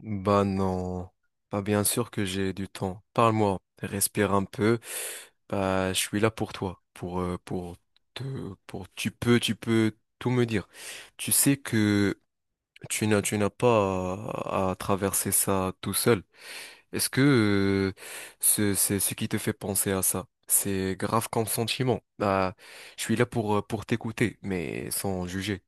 Bah non, bah bien sûr que j'ai du temps. Parle-moi, respire un peu. Bah je suis là pour toi, pour te pour tu peux tout me dire. Tu sais que tu n'as pas à, à traverser ça tout seul. Est-ce que ce c'est ce qui te fait penser à ça? C'est grave comme sentiment. Bah je suis là pour t'écouter, mais sans juger.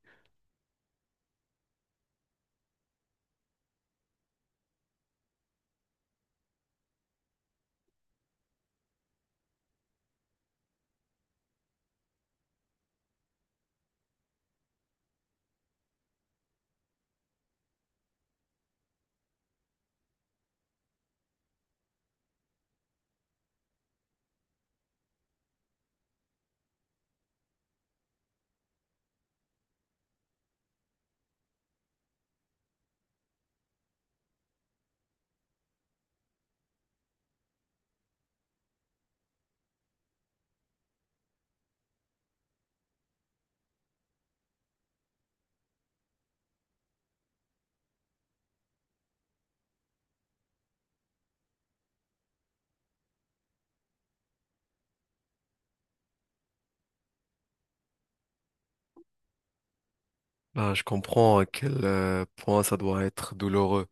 Bah je comprends à quel point ça doit être douloureux.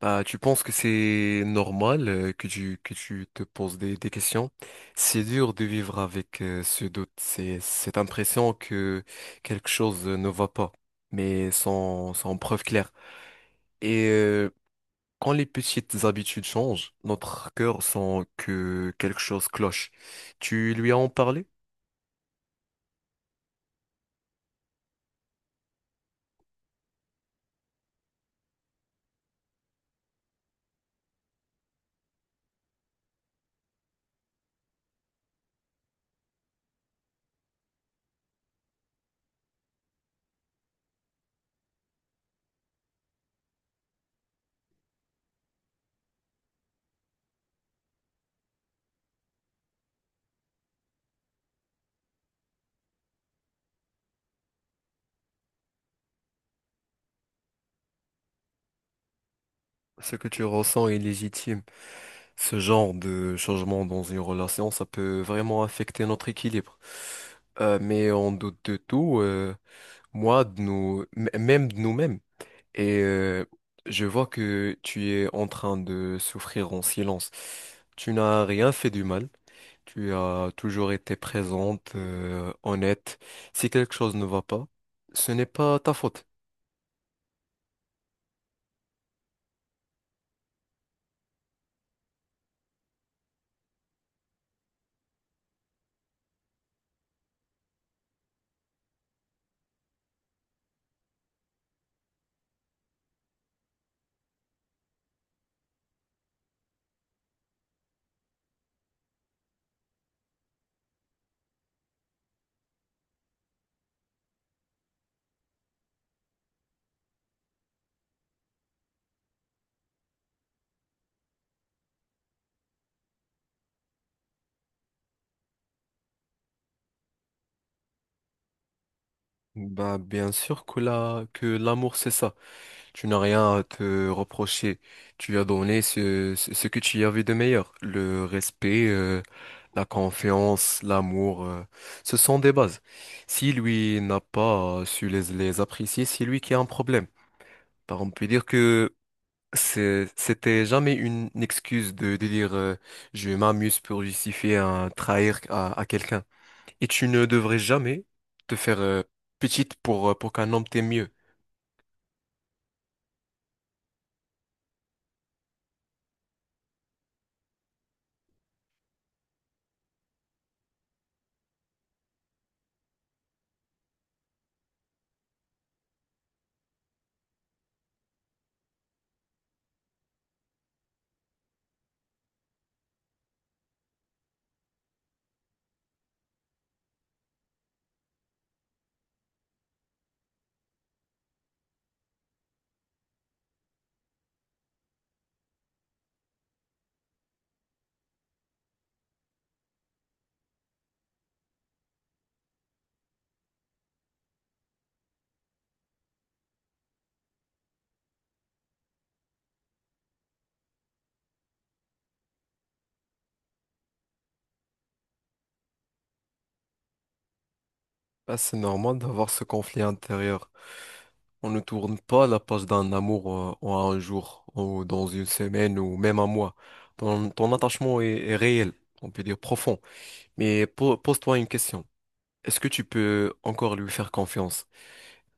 Bah, tu penses que c'est normal que tu te poses des questions? C'est dur de vivre avec ce doute, c'est cette impression que quelque chose ne va pas, mais sans, sans preuve claire. Et quand les petites habitudes changent, notre cœur sent que quelque chose cloche. Tu lui as en parlé? Ce que tu ressens est légitime. Ce genre de changement dans une relation, ça peut vraiment affecter notre équilibre. Mais on doute de tout. Moi, de nous, même de nous-mêmes. Et je vois que tu es en train de souffrir en silence. Tu n'as rien fait du mal. Tu as toujours été présente, honnête. Si quelque chose ne va pas, ce n'est pas ta faute. Bah, bien sûr que la, que l'amour, c'est ça. Tu n'as rien à te reprocher. Tu as donné ce, ce que tu y avais de meilleur. Le respect, la confiance, l'amour, ce sont des bases. Si lui n'a pas su les apprécier, c'est lui qui a un problème. Par on peut dire que c'était jamais une excuse de dire je m'amuse pour justifier un trahir à quelqu'un. Et tu ne devrais jamais te faire petite pour qu'un homme t'aime mieux. Ah, c'est normal d'avoir ce conflit intérieur. On ne tourne pas la page d'un amour en un jour, ou dans une semaine, ou même un mois. Ton, ton attachement est, est réel, on peut dire profond. Mais pose-toi une question. Est-ce que tu peux encore lui faire confiance?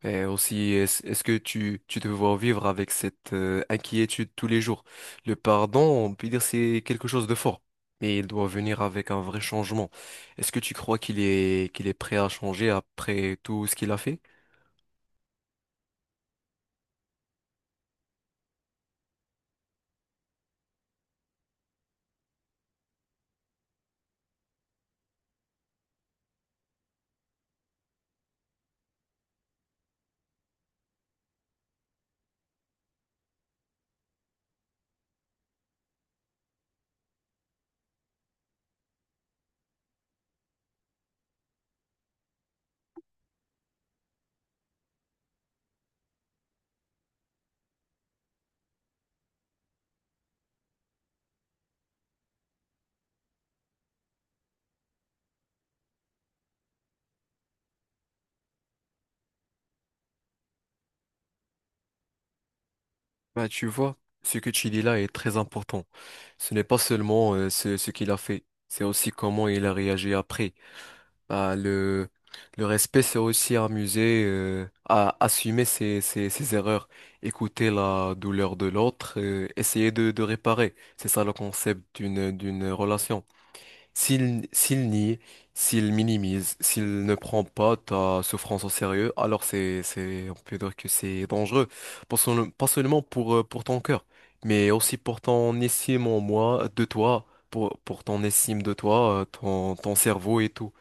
Et aussi, est-ce que tu te vois vivre avec cette inquiétude tous les jours? Le pardon, on peut dire c'est quelque chose de fort, mais il doit venir avec un vrai changement. Est-ce que tu crois qu'il est prêt à changer après tout ce qu'il a fait? Bah, tu vois, ce que tu dis là est très important. Ce n'est pas seulement ce, ce qu'il a fait, c'est aussi comment il a réagi après. Bah, le respect, c'est aussi amuser à assumer ses, ses, ses erreurs, écouter la douleur de l'autre, essayer de réparer. C'est ça le concept d'une, d'une relation. S'il, s'il nie, s'il minimise, s'il ne prend pas ta souffrance au sérieux, alors c'est, on peut dire que c'est dangereux. Pas seulement pour ton cœur, mais aussi pour ton estime en moi, de toi, pour ton estime de toi, ton, ton cerveau et tout.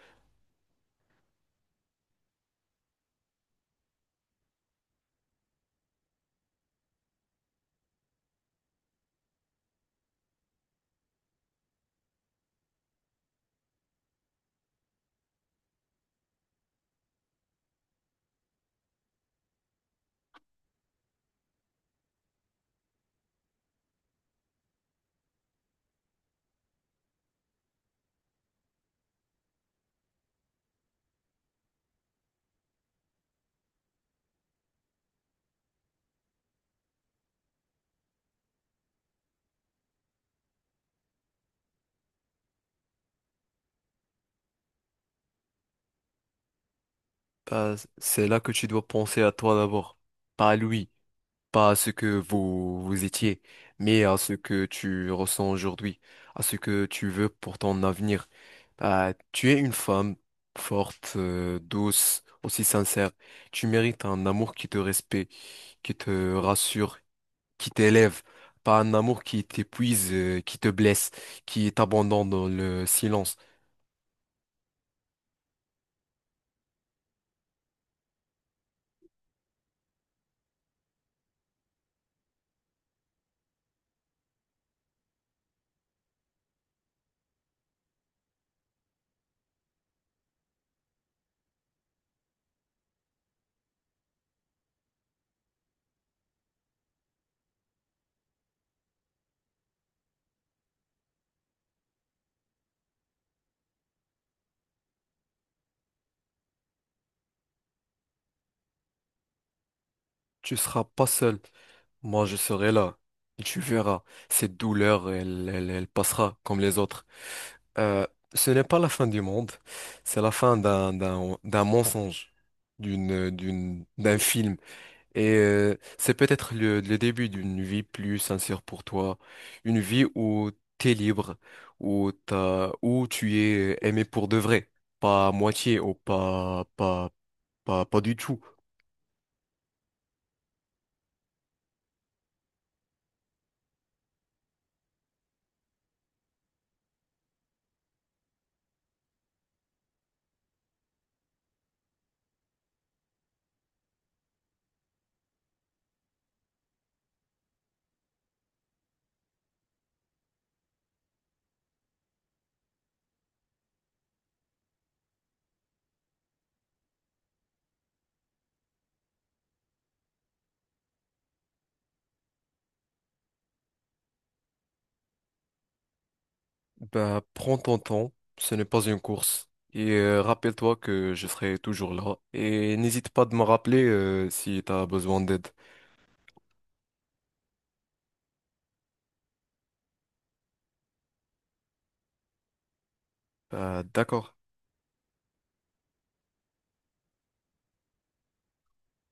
C'est là que tu dois penser à toi d'abord, pas à lui. Pas à ce que vous, vous étiez, mais à ce que tu ressens aujourd'hui, à ce que tu veux pour ton avenir. Bah, tu es une femme forte, douce, aussi sincère. Tu mérites un amour qui te respecte, qui te rassure, qui t'élève, pas un amour qui t'épuise, qui te blesse, qui t'abandonne dans le silence. Tu seras pas seul. Moi, je serai là. Et tu verras, cette douleur, elle passera comme les autres. Euh, Ce n'est pas la fin du monde, c'est la fin d'un mensonge, d'une d'un film. Et c'est peut-être le début d'une vie plus sincère pour toi, une vie où t'es libre, où t'as où tu es aimé pour de vrai, pas à moitié ou pas du tout. Ben prends ton temps, ce n'est pas une course. Et rappelle-toi que je serai toujours là. Et n'hésite pas de me rappeler si tu as besoin d'aide. D'accord.